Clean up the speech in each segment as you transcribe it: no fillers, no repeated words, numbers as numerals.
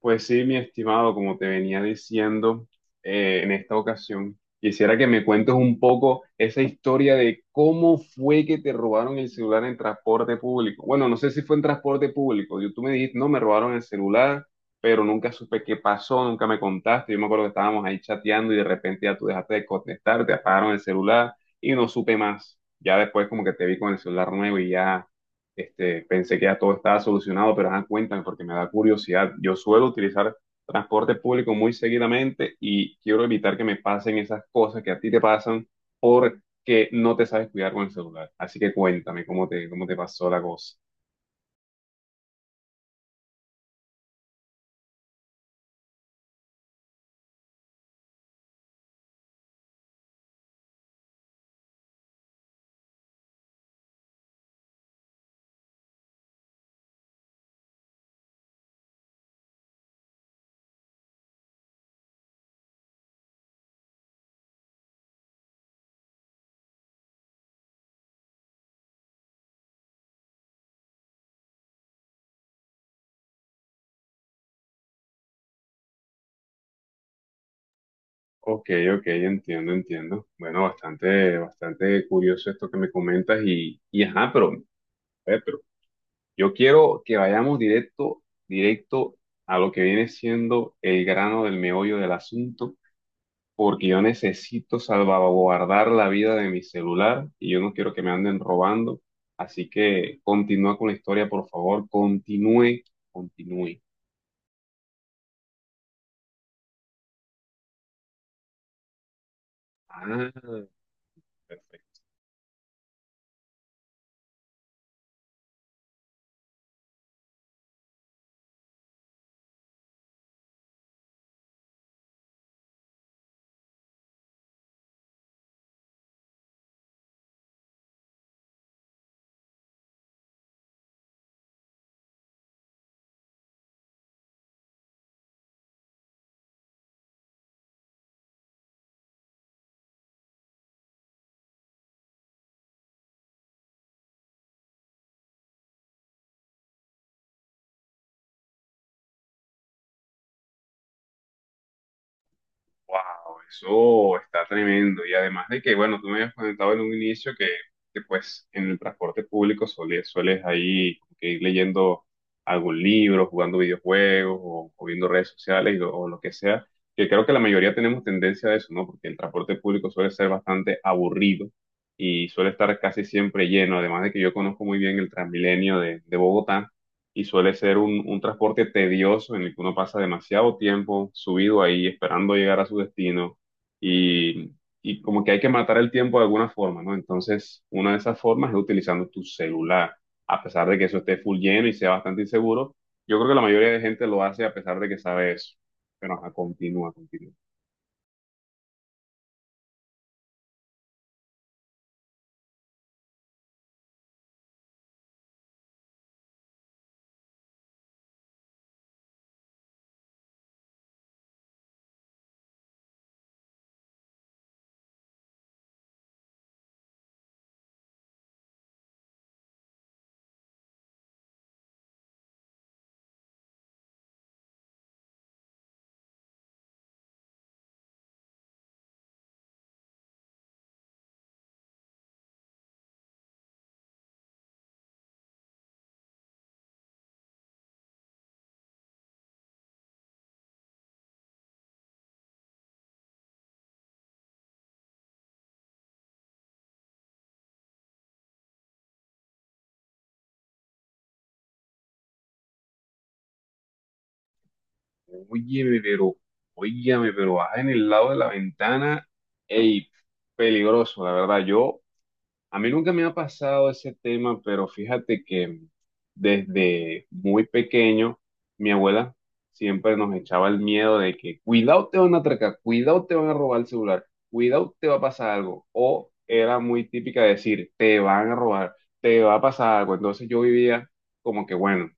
Pues sí, mi estimado, como te venía diciendo en esta ocasión, quisiera que me cuentes un poco esa historia de cómo fue que te robaron el celular en transporte público. Bueno, no sé si fue en transporte público. Yo, tú me dijiste, no, me robaron el celular, pero nunca supe qué pasó, nunca me contaste. Yo me acuerdo que estábamos ahí chateando y de repente ya tú dejaste de contestar, te apagaron el celular y no supe más. Ya después como que te vi con el celular nuevo y ya. Este, pensé que ya todo estaba solucionado, pero ajá, cuéntame porque me da curiosidad. Yo suelo utilizar transporte público muy seguidamente y quiero evitar que me pasen esas cosas que a ti te pasan porque no te sabes cuidar con el celular. Así que cuéntame cómo te pasó la cosa. Ok, ok, entiendo, entiendo. Bueno, bastante, bastante curioso esto que me comentas y ajá, pero, a ver, pero yo quiero que vayamos directo, directo a lo que viene siendo el grano del meollo del asunto porque yo necesito salvaguardar la vida de mi celular y yo no quiero que me anden robando. Así que continúa con la historia, por favor, continúe, continúe. Ah, perfecto. Wow, eso está tremendo. Y además de que, bueno, tú me habías comentado en un inicio pues en el transporte público sueles ahí como que ir leyendo algún libro, jugando videojuegos o viendo redes sociales o lo que sea, que creo que la mayoría tenemos tendencia a eso, ¿no? Porque el transporte público suele ser bastante aburrido y suele estar casi siempre lleno. Además de que yo conozco muy bien el Transmilenio de Bogotá y suele ser un transporte tedioso en el que uno pasa demasiado tiempo subido ahí esperando llegar a su destino y, y como que hay que matar el tiempo de alguna forma, ¿no? Entonces, una de esas formas es utilizando tu celular, a pesar de que eso esté full lleno y sea bastante inseguro. Yo creo que la mayoría de gente lo hace a pesar de que sabe eso. Pero ajá, continúa, continúa. Óyeme, pero, óyeme, pero baja en el lado de la ventana. Ey, peligroso, la verdad. Yo, a mí nunca me ha pasado ese tema, pero fíjate que desde muy pequeño mi abuela siempre nos echaba el miedo de que cuidado te van a atracar, cuidado te van a robar el celular, cuidado te va a pasar algo. O era muy típica decir, te van a robar, te va a pasar algo. Entonces yo vivía como que, bueno,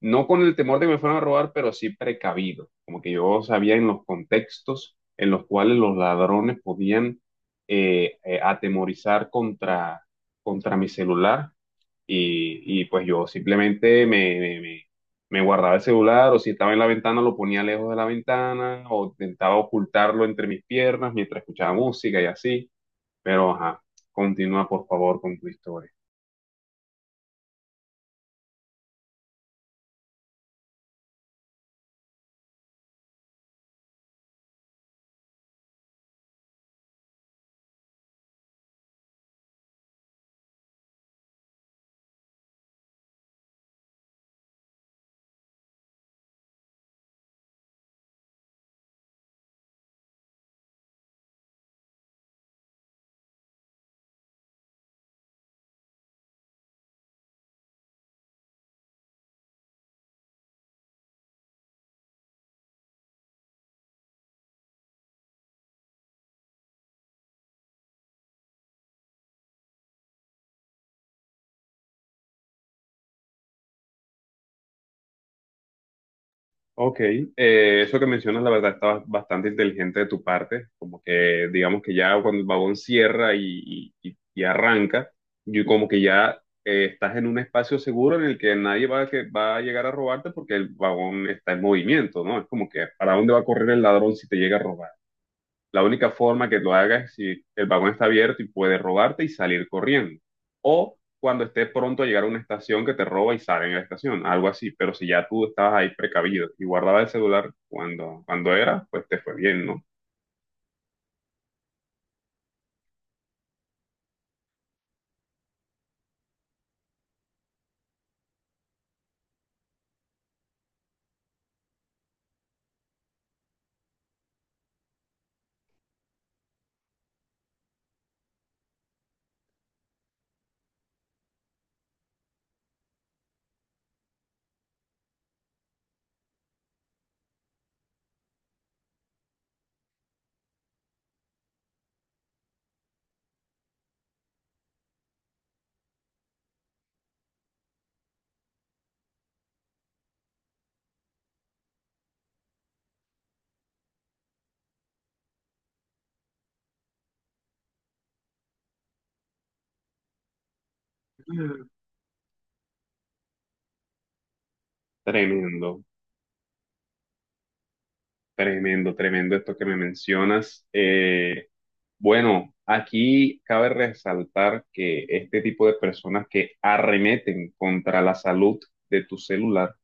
no con el temor de que me fueran a robar, pero sí precavido, como que yo sabía en los contextos en los cuales los ladrones podían atemorizar contra mi celular y pues yo simplemente me guardaba el celular o si estaba en la ventana lo ponía lejos de la ventana o intentaba ocultarlo entre mis piernas mientras escuchaba música y así, pero ajá, continúa por favor con tu historia. Ok, eso que mencionas, la verdad, está bastante inteligente de tu parte, como que digamos que ya cuando el vagón cierra y arranca, y como que ya estás en un espacio seguro en el que nadie va a llegar a robarte porque el vagón está en movimiento, ¿no? Es como que, ¿para dónde va a correr el ladrón si te llega a robar? La única forma que lo haga es si el vagón está abierto y puede robarte y salir corriendo. O cuando esté pronto a llegar a una estación que te roba y sale en la estación, algo así. Pero si ya tú estabas ahí precavido y guardabas el celular cuando era, pues te fue bien, ¿no? Tremendo, tremendo, tremendo esto que me mencionas. Bueno, aquí cabe resaltar que este tipo de personas que arremeten contra la salud de tu celular,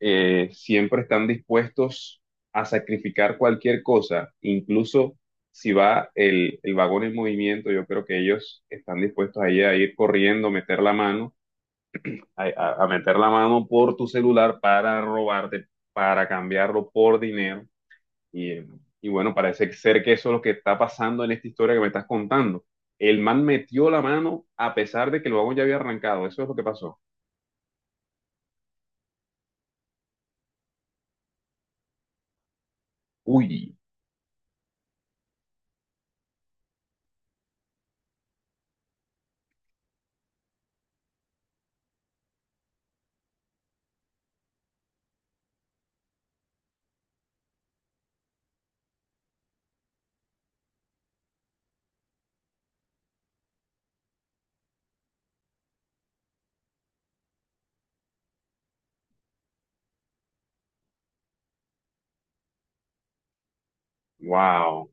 siempre están dispuestos a sacrificar cualquier cosa, incluso si va el vagón en movimiento, yo creo que ellos están dispuestos ahí a ir corriendo, meter la mano, a meter la mano por tu celular para robarte, para cambiarlo por dinero. Y, eh, y bueno, parece ser que eso es lo que está pasando en esta historia que me estás contando. El man metió la mano a pesar de que el vagón ya había arrancado. Eso es lo que pasó. Uy, wow.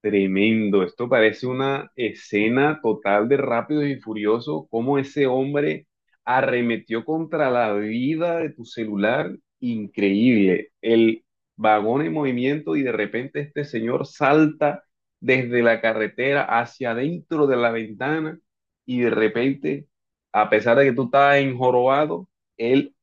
Tremendo, esto parece una escena total de Rápido y Furioso, cómo ese hombre arremetió contra la vida de tu celular, increíble, el vagón en movimiento y de repente este señor salta desde la carretera hacia adentro de la ventana y de repente, a pesar de que tú estabas enjorobado, él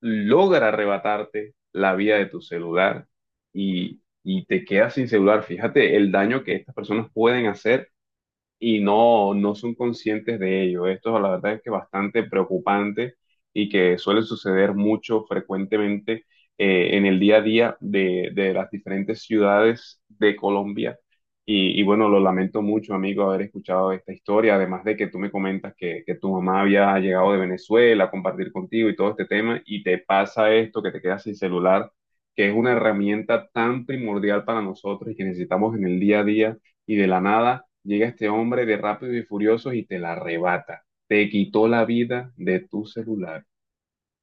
logra arrebatarte la vida de tu celular y te quedas sin celular. Fíjate el daño que estas personas pueden hacer y no, no son conscientes de ello. Esto la verdad es que es bastante preocupante y que suele suceder mucho frecuentemente en el día a día de las diferentes ciudades de Colombia. Y bueno, lo lamento mucho, amigo, haber escuchado esta historia, además de que tú me comentas que tu mamá había llegado de Venezuela a compartir contigo y todo este tema, y te pasa esto, que te quedas sin celular, que es una herramienta tan primordial para nosotros y que necesitamos en el día a día y de la nada llega este hombre de Rápidos y Furiosos y te la arrebata. Te quitó la vida de tu celular.